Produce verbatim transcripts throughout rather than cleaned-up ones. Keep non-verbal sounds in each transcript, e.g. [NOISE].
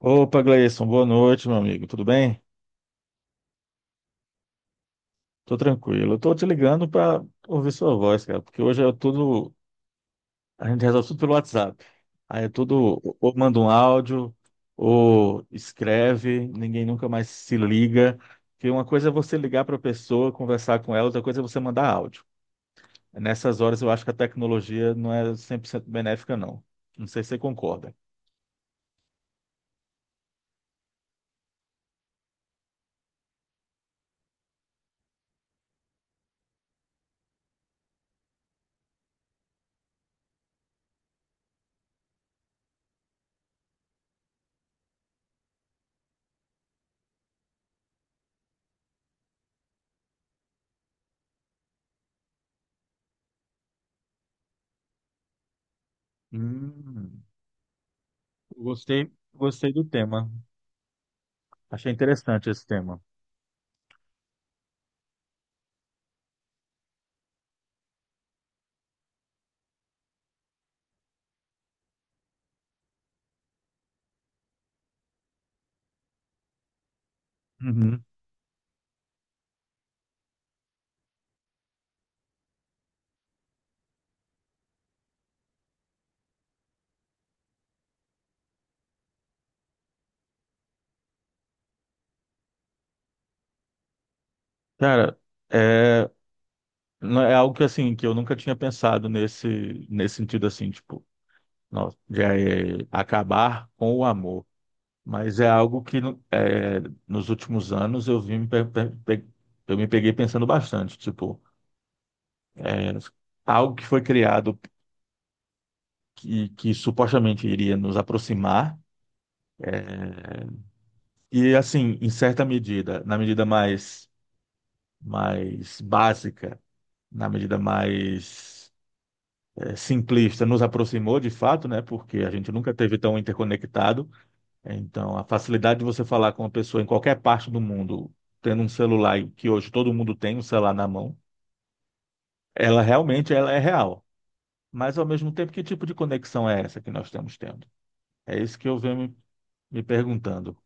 Opa, Gleison, boa noite, meu amigo. Tudo bem? Tô tranquilo. Eu tô te ligando para ouvir sua voz, cara, porque hoje é tudo. A gente resolve tudo pelo WhatsApp. Aí é tudo. Ou manda um áudio, ou escreve, ninguém nunca mais se liga. Porque uma coisa é você ligar para a pessoa, conversar com ela, outra coisa é você mandar áudio. Nessas horas eu acho que a tecnologia não é cem por cento benéfica, não. Não sei se você concorda. Hum, gostei, gostei do tema. Achei interessante esse tema. Uhum. Cara, é, não- é algo que assim, que eu nunca tinha pensado nesse, nesse sentido assim, tipo, nossa, já é acabar com o amor. Mas é algo que no- é, nos últimos anos eu vim me pe- pe- pe- eu me peguei pensando bastante, tipo, é, algo que foi criado que, que supostamente iria nos aproximar. é, e assim, em certa medida, na medida mais, mais básica, na medida mais é, simplista, nos aproximou de fato, né? Porque a gente nunca teve tão interconectado. Então, a facilidade de você falar com uma pessoa em qualquer parte do mundo, tendo um celular, e que hoje todo mundo tem um celular na mão, ela realmente ela é real. Mas ao mesmo tempo, que tipo de conexão é essa que nós estamos tendo? É isso que eu venho me, me perguntando.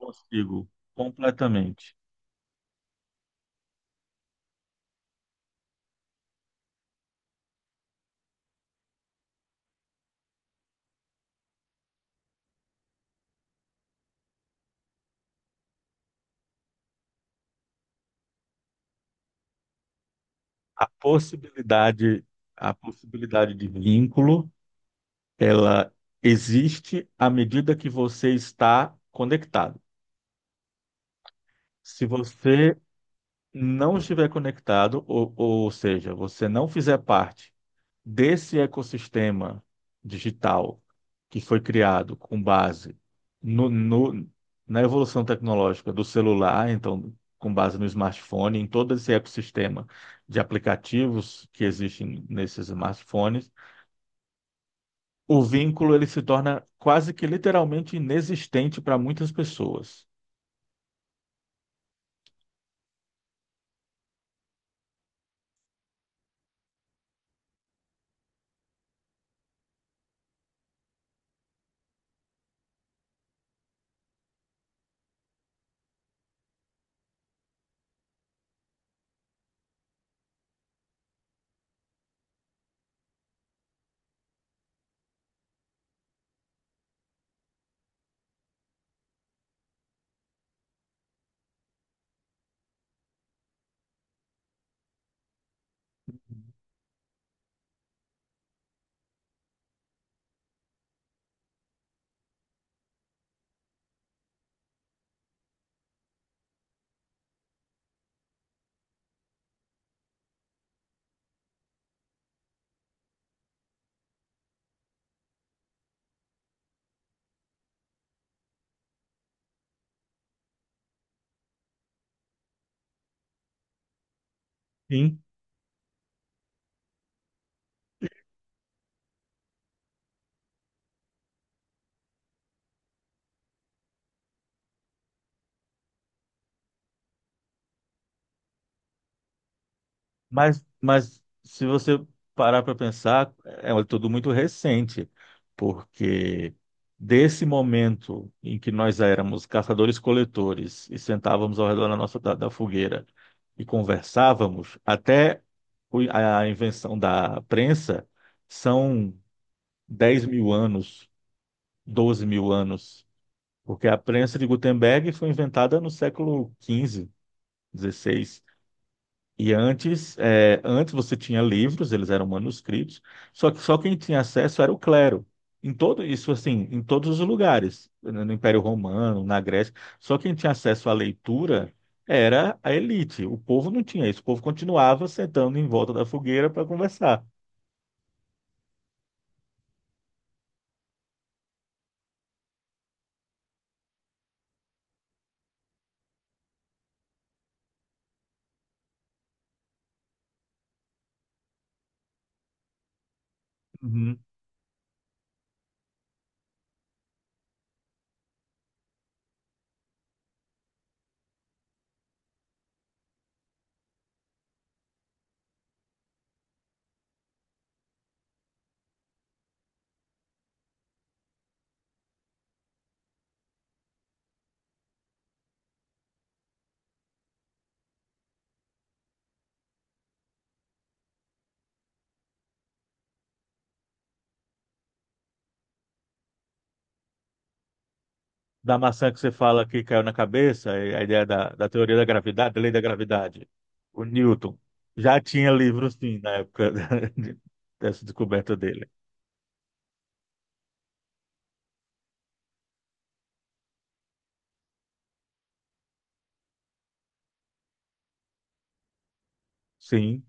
Consigo completamente. A possibilidade, a possibilidade de vínculo, ela existe à medida que você está conectado. Se você não estiver conectado, ou, ou seja, você não fizer parte desse ecossistema digital que foi criado com base no, no- na evolução tecnológica do celular, então, com base no smartphone, em todo esse ecossistema de aplicativos que existem nesses smartphones, o vínculo ele se torna quase que literalmente inexistente para muitas pessoas. Sim. Mas, mas se você parar para pensar, é um- tudo muito recente, porque desse momento em que nós éramos caçadores-coletores e sentávamos ao redor da nossa da, da fogueira e conversávamos, até o- a invenção da prensa, são dez mil anos, doze mil anos, porque a prensa de Gutenberg foi inventada no século quinze, dezesseis. E antes, é, antes você tinha livros, eles eram manuscritos, só que só quem tinha acesso era o clero. Em todo isso, assim, em todos os lugares, no Império Romano, na Grécia, só quem tinha acesso à leitura era a elite. O povo não tinha isso. O povo continuava sentando em volta da fogueira para conversar. Uhum. Da maçã que você fala que caiu na cabeça, é, a ideia da, da teoria da gravidade, da lei da gravidade, o Newton. Já tinha livros, sim, na época [LAUGHS] dessa descoberta dele. Sim.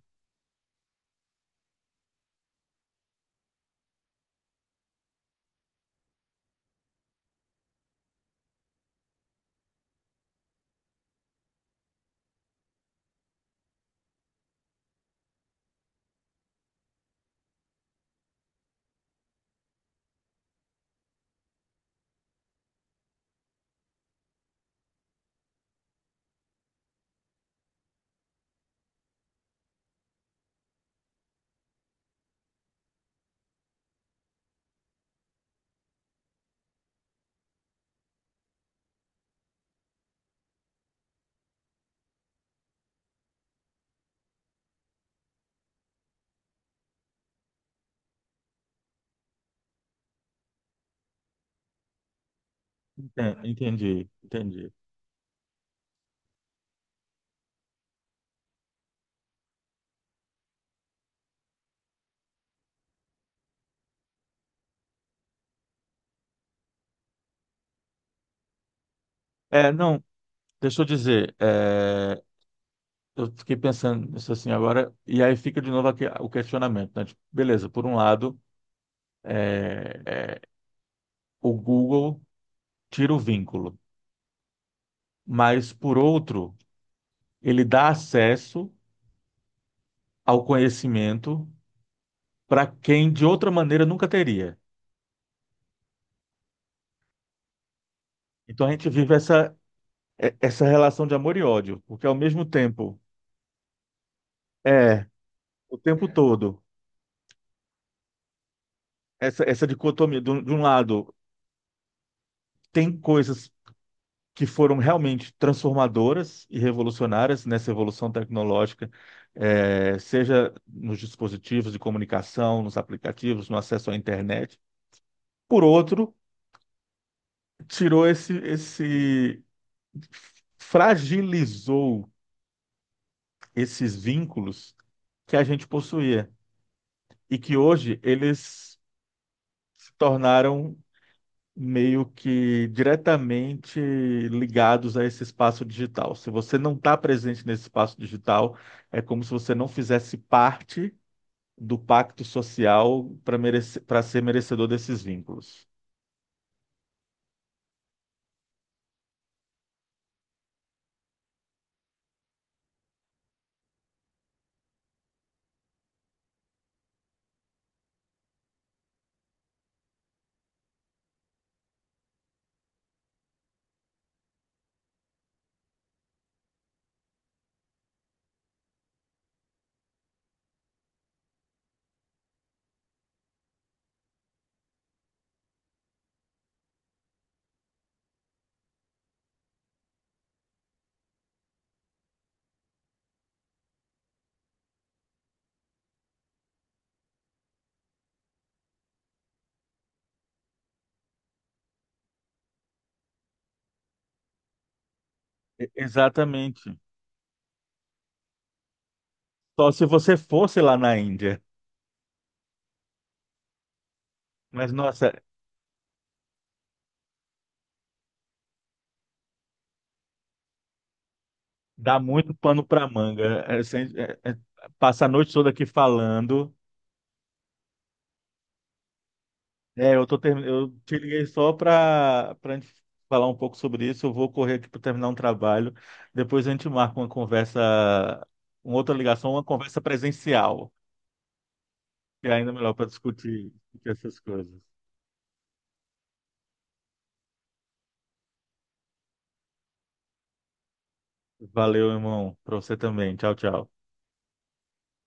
É, entendi, entendi. É, não, deixa eu dizer, é, eu fiquei pensando nisso assim agora, e aí fica de novo aqui o questionamento, né? Tipo, beleza, por um lado, é, é, o Google tira o vínculo, mas por outro, ele dá acesso ao conhecimento para quem de outra maneira nunca teria. Então a gente vive essa, é- essa relação de amor e ódio, porque ao mesmo tempo, é, o tempo todo, essa, essa dicotomia, de um de um lado, tem coisas que foram realmente transformadoras e revolucionárias nessa evolução tecnológica, eh, seja nos dispositivos de comunicação, nos aplicativos, no acesso à internet. Por outro, tirou esse, esse fragilizou esses vínculos que a gente possuía, e que hoje eles se tornaram meio que diretamente ligados a esse espaço digital. Se você não está presente nesse espaço digital, é como se você não fizesse parte do pacto social para merecer, para ser merecedor desses vínculos. E- Exatamente. Só se você fosse lá na Índia. Mas, nossa, dá muito pano para manga. É, sem- é, é, passa a noite toda aqui falando. É, eu tô termi... eu te liguei só para para gente falar um pouco sobre isso. Eu vou correr aqui para terminar um trabalho. Depois a gente marca uma conversa, uma outra ligação, uma conversa presencial, que é ainda melhor para discutir discutir essas coisas. Valeu, irmão, para você também. Tchau, tchau.